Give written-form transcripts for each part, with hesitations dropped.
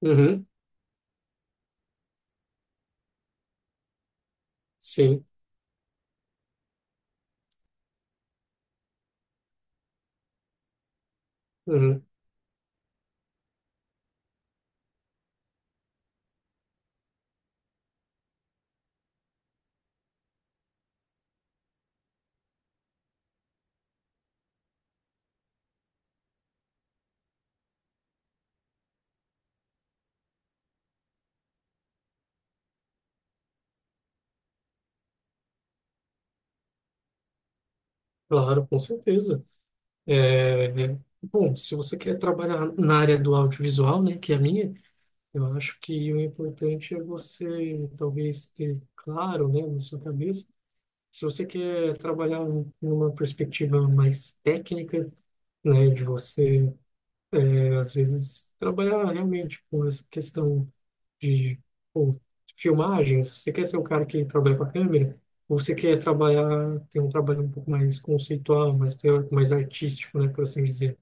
Uhum, sim, uhum, claro, com certeza. Bom, se você quer trabalhar na área do audiovisual, né, que é a minha, eu acho que o importante é você talvez ter claro, né, na sua cabeça, se você quer trabalhar numa perspectiva mais técnica, né, de você, às vezes, trabalhar realmente com essa questão de pô, filmagens, você quer ser o cara que trabalha com a câmera, ou você quer trabalhar, ter um trabalho um pouco mais conceitual, mais teórico, mais artístico, né, por assim dizer.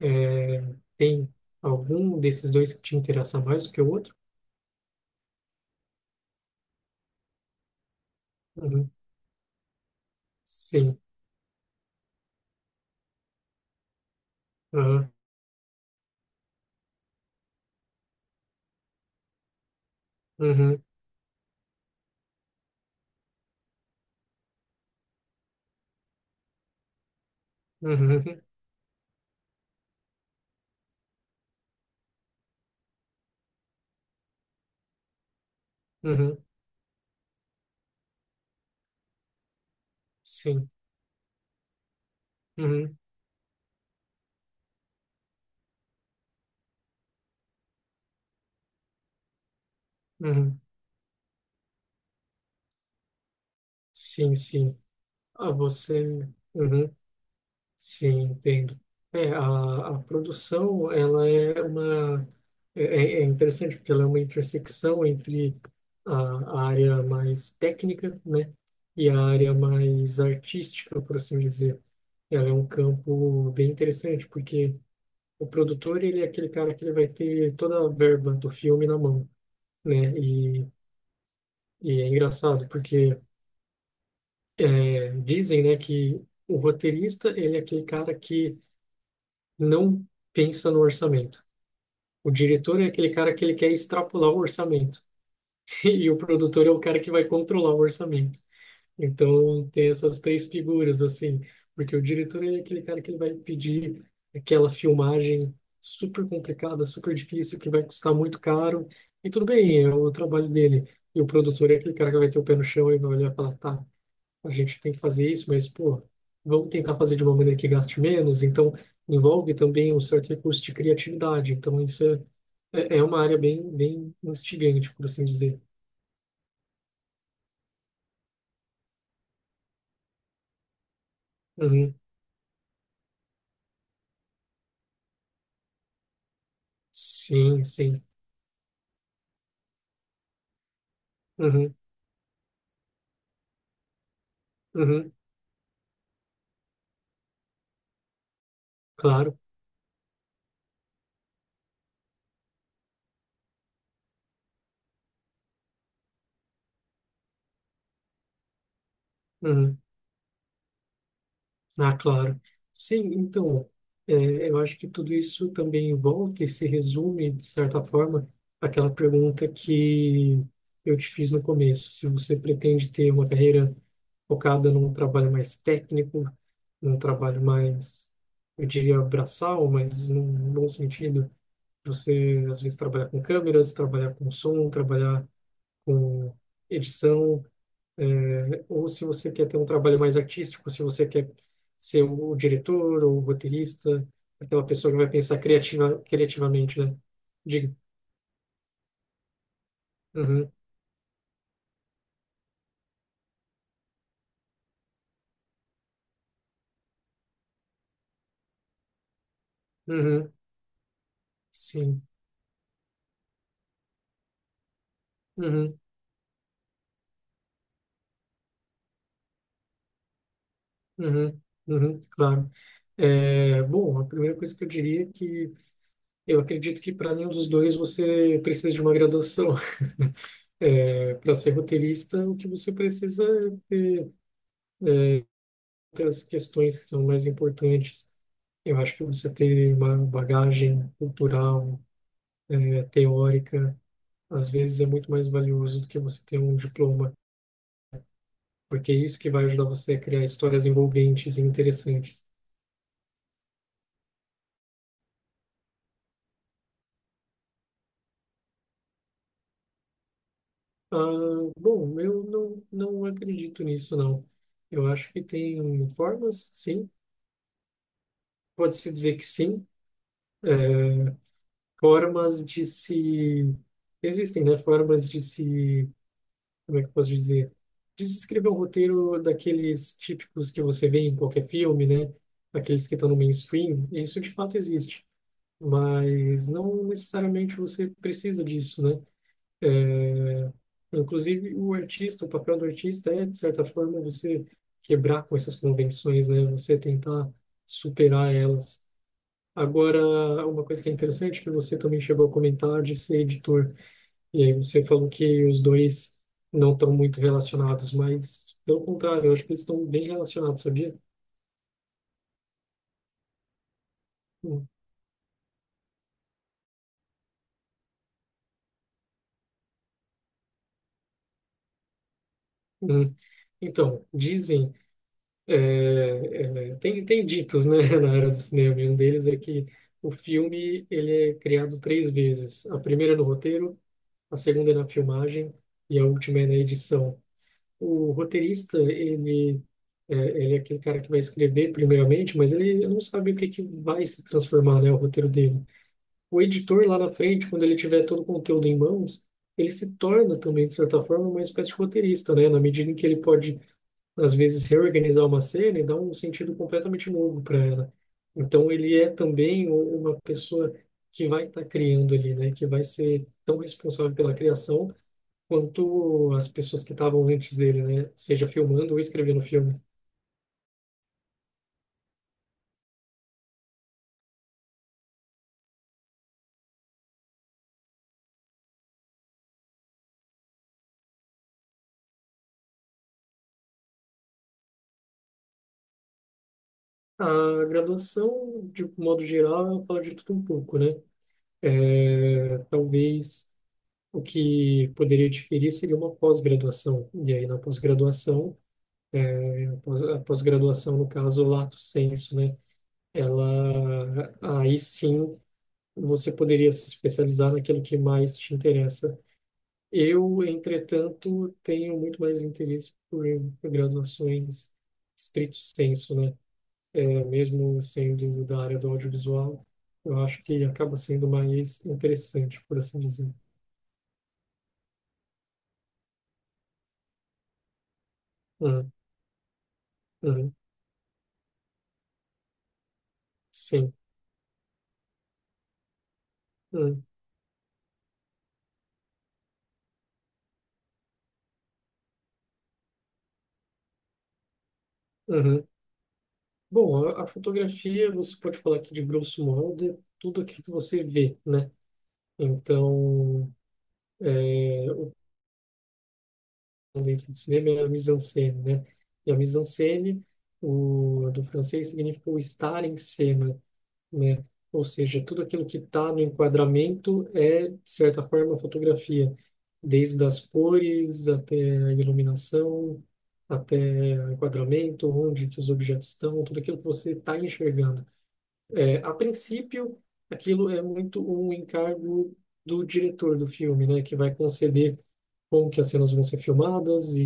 É, tem algum desses dois que te interessa mais do que o outro? Uhum. Sim. Aham. Uhum. Uhum. Uhum. Uhum. Sim. Uhum. Uhum. Sim, sim. Ah, você. Uhum. Sim, entendo. É, a produção, ela é uma... É, é interessante porque ela é uma intersecção entre a área mais técnica, né? E a área mais artística, por assim dizer. Ela é um campo bem interessante, porque o produtor, ele é aquele cara que ele vai ter toda a verba do filme na mão, né? E é engraçado, porque dizem, né, que o roteirista, ele é aquele cara que não pensa no orçamento. O diretor é aquele cara que ele quer extrapolar o orçamento. E o produtor é o cara que vai controlar o orçamento. Então, tem essas três figuras, assim. Porque o diretor é aquele cara que ele vai pedir aquela filmagem super complicada, super difícil, que vai custar muito caro. E tudo bem, é o trabalho dele. E o produtor é aquele cara que vai ter o pé no chão e vai olhar e falar, tá, a gente tem que fazer isso, mas, pô, vamos tentar fazer de uma maneira que gaste menos. Então, envolve também um certo recurso de criatividade. Então, é uma área bem instigante, por assim dizer. Uhum. Sim, sim. Uhum. Uhum. Claro. Uhum. Ah, claro. Sim, então, é, eu acho que tudo isso também volta e se resume, de certa forma, àquela pergunta que eu te fiz no começo. Se você pretende ter uma carreira focada num trabalho mais técnico, num trabalho mais, eu diria, braçal, mas num bom sentido. Você, às vezes, trabalhar com câmeras, trabalhar com som, trabalhar com edição, ou se você quer ter um trabalho mais artístico, se você quer ser o diretor ou o roteirista, aquela pessoa que vai pensar criativamente, né? Diga. Uhum, uhum, sim. Uhum. Uhum, uhum, claro. É, bom, a primeira coisa que eu diria é que eu acredito que para nenhum dos dois você precisa de uma graduação. É, para ser roteirista, o que você precisa é ter outras questões que são mais importantes. Eu acho que você ter uma bagagem cultural, teórica, às vezes é muito mais valioso do que você ter um diploma, porque é isso que vai ajudar você a criar histórias envolventes e interessantes. Ah, bom, eu não, não acredito nisso, não. Eu acho que tem formas, sim, pode-se dizer que sim, é, formas de se. Existem, né? Formas de se. Como é que eu posso dizer? De se escrever um roteiro daqueles típicos que você vê em qualquer filme, né? Aqueles que estão no mainstream. Isso de fato existe, mas não necessariamente você precisa disso, né? Inclusive, o artista, o papel do artista é, de certa forma, você quebrar com essas convenções, né? Você tentar superar elas. Agora, uma coisa que é interessante, que você também chegou a comentar de ser editor, e aí você falou que os dois não estão muito relacionados, mas, pelo contrário, eu acho que eles estão bem relacionados, sabia? Hum, hum. Então, dizem É, tem, ditos, né, na área do cinema, e um deles é que o filme ele é criado três vezes. A primeira é no roteiro, a segunda é na filmagem e a última é na edição. O roteirista, ele é aquele cara que vai escrever primeiramente, mas ele não sabe o que que vai se transformar, né, o roteiro dele. O editor lá na frente, quando ele tiver todo o conteúdo em mãos, ele se torna também, de certa forma, uma espécie de roteirista, né, na medida em que ele pode às vezes reorganizar uma cena e dar um sentido completamente novo para ela. Então ele é também uma pessoa que vai estar criando ali, né? Que vai ser tão responsável pela criação quanto as pessoas que estavam antes dele, né? Seja filmando ou escrevendo o filme. A graduação, de modo geral, fala de tudo um pouco, né? É, talvez o que poderia diferir seria uma pós-graduação. E aí, na pós-graduação, a pós-graduação, no caso, o lato sensu, né? Ela aí sim você poderia se especializar naquilo que mais te interessa. Eu, entretanto, tenho muito mais interesse por graduações stricto sensu, né? É, mesmo sendo da área do audiovisual, eu acho que acaba sendo mais interessante, por assim dizer. Hum, hum, sim. Hum, uhum. Bom, a fotografia, você pode falar que de grosso modo é tudo aquilo que você vê, né? Então, é, livro de cinema é a mise-en-scène, né? E a mise-en-scène, do francês, significa o estar em cena, né? Ou seja, tudo aquilo que está no enquadramento é, de certa forma, fotografia, desde as cores até a iluminação, até o enquadramento, onde que os objetos estão, tudo aquilo que você está enxergando. É, a princípio, aquilo é muito um encargo do diretor do filme, né, que vai conceber como que as cenas vão ser filmadas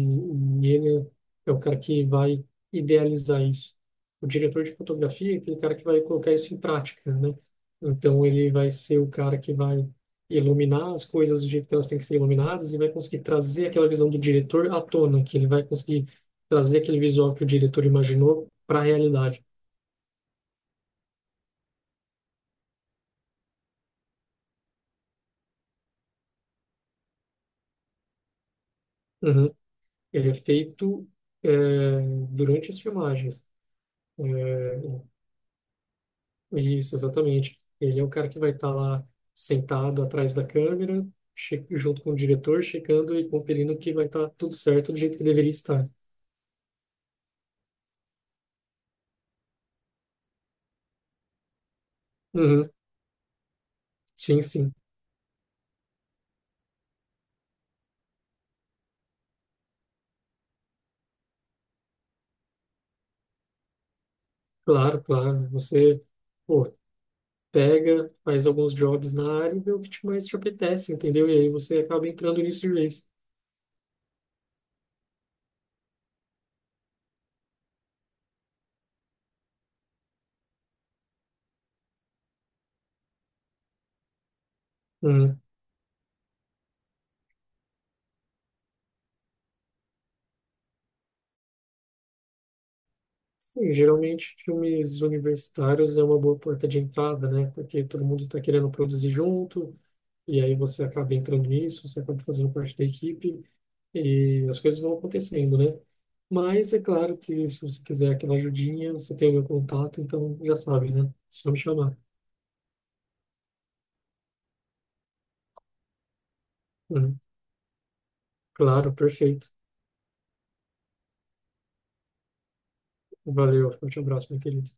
e ele é o cara que vai idealizar isso. O diretor de fotografia é aquele cara que vai colocar isso em prática, né? Então ele vai ser o cara que vai iluminar as coisas do jeito que elas têm que ser iluminadas e vai conseguir trazer aquela visão do diretor à tona, que ele vai conseguir trazer aquele visual que o diretor imaginou para a realidade. Uhum. Ele é feito é, durante as filmagens. É, isso, exatamente. Ele é o cara que vai estar lá sentado atrás da câmera, junto com o diretor, checando e conferindo que vai estar tudo certo do jeito que deveria estar. Uhum. Sim, sim. Claro, claro. Você, pô, pega, faz alguns jobs na área e vê o que mais te apetece, entendeu? E aí você acaba entrando nisso de vez. Uhum. Sim, geralmente filmes universitários é uma boa porta de entrada, né? Porque todo mundo está querendo produzir junto, e aí você acaba entrando nisso, você acaba fazendo parte da equipe, e as coisas vão acontecendo, né? Mas é claro que se você quiser aquela ajudinha, você tem o meu contato, então já sabe, né? É só me chamar. Uhum. Claro, perfeito. Valeu, forte abraço, meu querido.